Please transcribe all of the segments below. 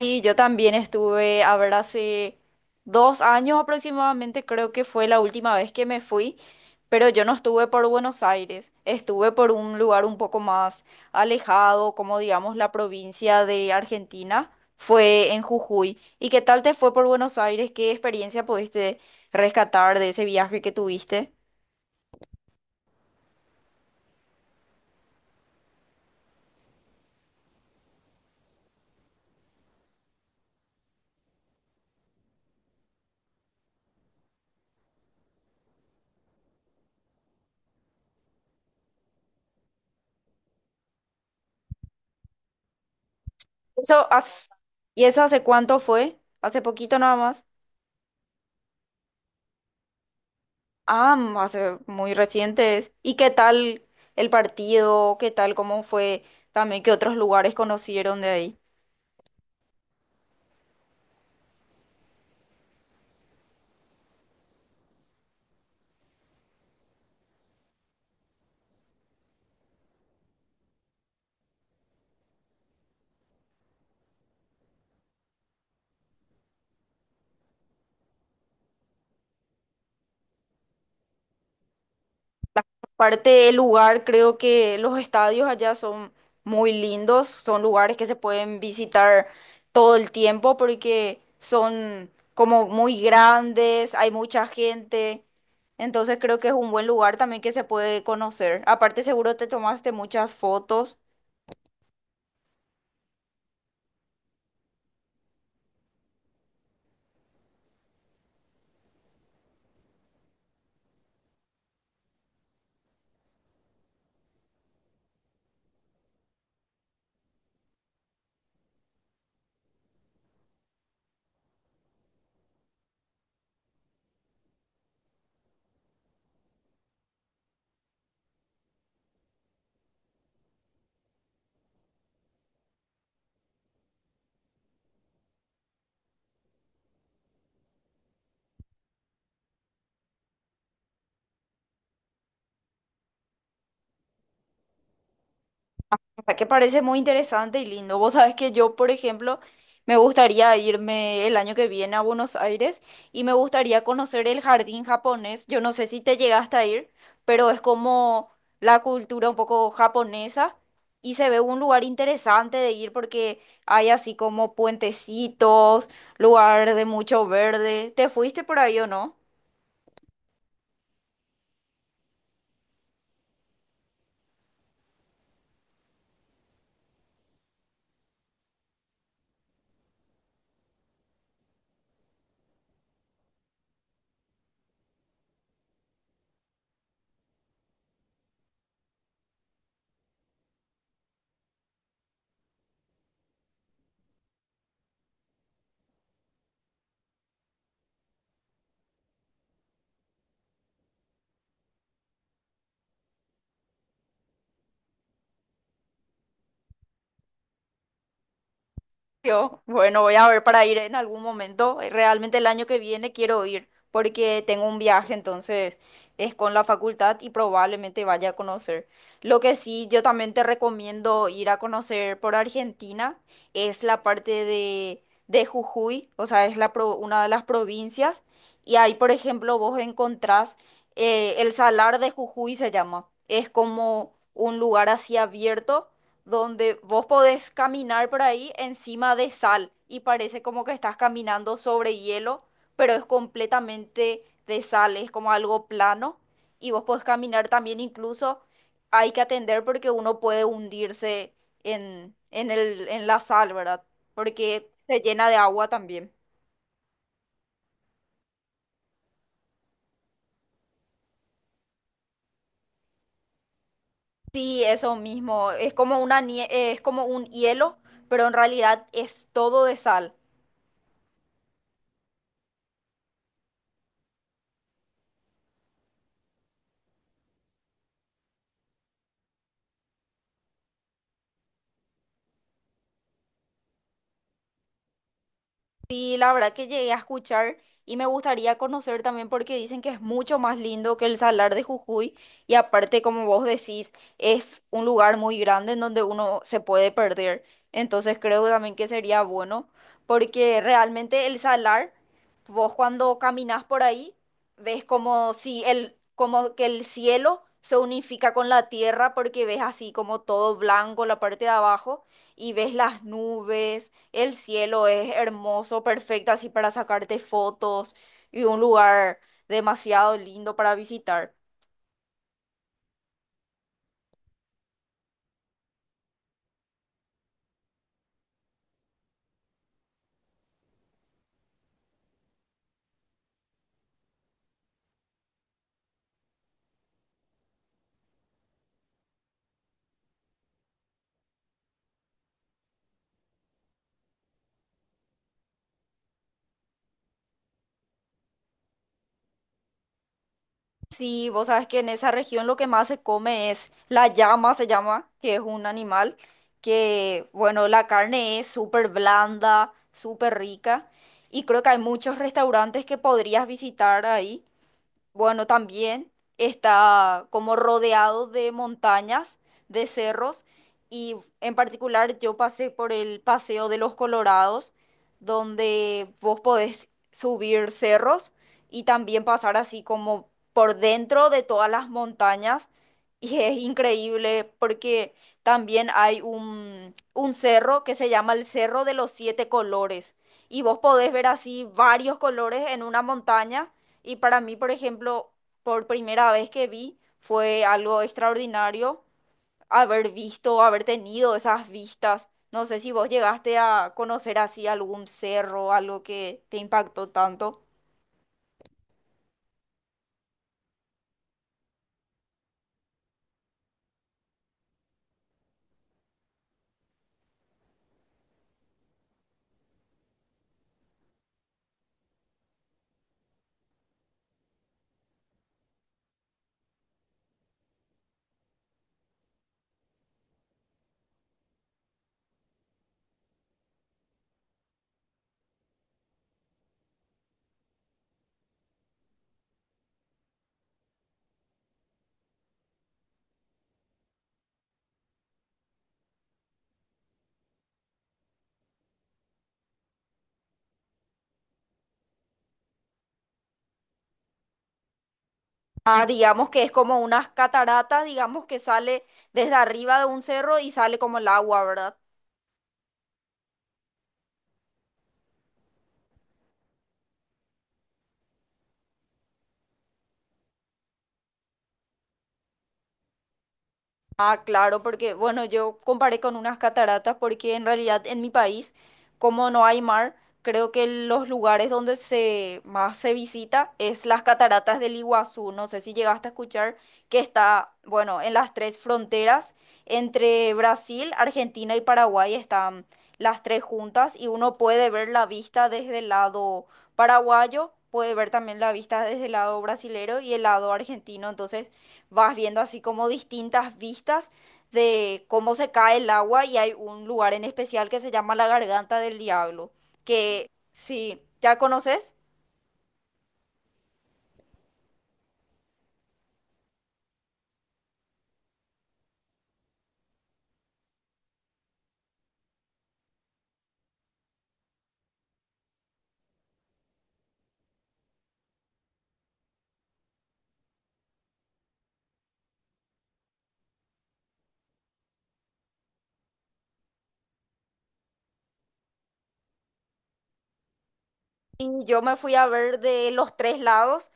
Sí, yo también estuve, a ver, hace 2 años aproximadamente, creo que fue la última vez que me fui, pero yo no estuve por Buenos Aires, estuve por un lugar un poco más alejado, como digamos la provincia de Argentina, fue en Jujuy. ¿Y qué tal te fue por Buenos Aires? ¿Qué experiencia pudiste rescatar de ese viaje que tuviste? Eso has- ¿Y eso hace cuánto fue? ¿Hace poquito nada más? Ah, hace muy recientes. ¿Y qué tal el partido? ¿Qué tal cómo fue también que otros lugares conocieron de ahí? Parte del lugar, creo que los estadios allá son muy lindos, son lugares que se pueden visitar todo el tiempo porque son como muy grandes, hay mucha gente. Entonces creo que es un buen lugar también que se puede conocer. Aparte seguro te tomaste muchas fotos. O sea, que parece muy interesante y lindo. Vos sabés que yo, por ejemplo, me gustaría irme el año que viene a Buenos Aires y me gustaría conocer el jardín japonés. Yo no sé si te llegaste a ir, pero es como la cultura un poco japonesa y se ve un lugar interesante de ir porque hay así como puentecitos, lugar de mucho verde. ¿Te fuiste por ahí o no? Yo, bueno, voy a ver para ir en algún momento. Realmente el año que viene quiero ir porque tengo un viaje, entonces es con la facultad y probablemente vaya a conocer. Lo que sí, yo también te recomiendo ir a conocer por Argentina, es la parte de, Jujuy, o sea, es la una de las provincias y ahí, por ejemplo, vos encontrás el Salar de Jujuy se llama. Es como un lugar así abierto donde vos podés caminar por ahí encima de sal y parece como que estás caminando sobre hielo, pero es completamente de sal, es como algo plano y vos podés caminar también incluso, hay que atender porque uno puede hundirse en la sal, ¿verdad? Porque se llena de agua también. Sí, eso mismo, es como es como un hielo, pero en realidad es todo de sal. Sí, la verdad que llegué a escuchar y me gustaría conocer también porque dicen que es mucho más lindo que el Salar de Jujuy y aparte, como vos decís, es un lugar muy grande en donde uno se puede perder. Entonces creo también que sería bueno porque realmente el Salar, vos cuando caminas por ahí, ves como si el, como que el cielo se unifica con la tierra porque ves así como todo blanco la parte de abajo y ves las nubes, el cielo es hermoso, perfecto, así para sacarte fotos y un lugar demasiado lindo para visitar. Sí, vos sabes que en esa región lo que más se come es la llama, se llama, que es un animal que, bueno, la carne es súper blanda, súper rica y creo que hay muchos restaurantes que podrías visitar ahí. Bueno, también está como rodeado de montañas, de cerros, y en particular yo pasé por el Paseo de los Colorados, donde vos podés subir cerros y también pasar así como por dentro de todas las montañas. Y es increíble porque también hay un cerro que se llama el Cerro de los Siete Colores. Y vos podés ver así varios colores en una montaña y para mí, por ejemplo, por primera vez que vi, fue algo extraordinario haber visto, haber tenido esas vistas. No sé si vos llegaste a conocer así algún cerro, algo que te impactó tanto. Ah, digamos que es como unas cataratas, digamos que sale desde arriba de un cerro y sale como el agua, ¿verdad? Ah, claro, porque bueno, yo comparé con unas cataratas porque en realidad en mi país, como no hay mar, creo que los lugares donde se más se visita es las cataratas del Iguazú. No sé si llegaste a escuchar que está, bueno, en las tres fronteras entre Brasil, Argentina y Paraguay están las tres juntas y uno puede ver la vista desde el lado paraguayo, puede ver también la vista desde el lado brasilero y el lado argentino. Entonces, vas viendo así como distintas vistas de cómo se cae el agua y hay un lugar en especial que se llama la Garganta del Diablo, que sí, ¿ya conoces? Y yo me fui a ver de los tres lados.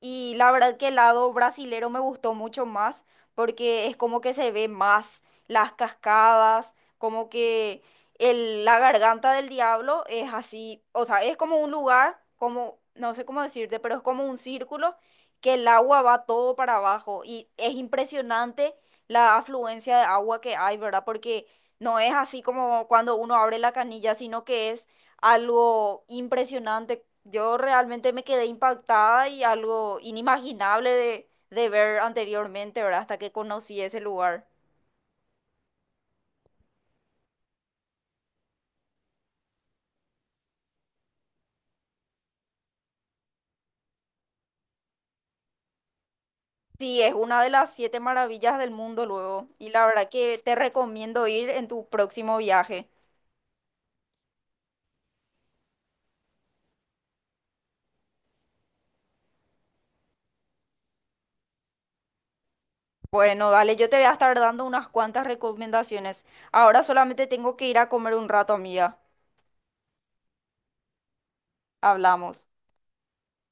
Y la verdad que el lado brasilero me gustó mucho más porque es como que se ve más las cascadas, como que el, la garganta del diablo es así, o sea, es como un lugar, como, no sé cómo decirte, pero es como un círculo que el agua va todo para abajo y es impresionante la afluencia de agua que hay, ¿verdad? Porque no es así como cuando uno abre la canilla, sino que es algo impresionante. Yo realmente me quedé impactada y algo inimaginable de, ver anteriormente, ¿verdad? Hasta que conocí ese lugar. Sí, es una de las siete maravillas del mundo luego. Y la verdad que te recomiendo ir en tu próximo viaje. Bueno, dale, yo te voy a estar dando unas cuantas recomendaciones. Ahora solamente tengo que ir a comer un rato, amiga. Hablamos.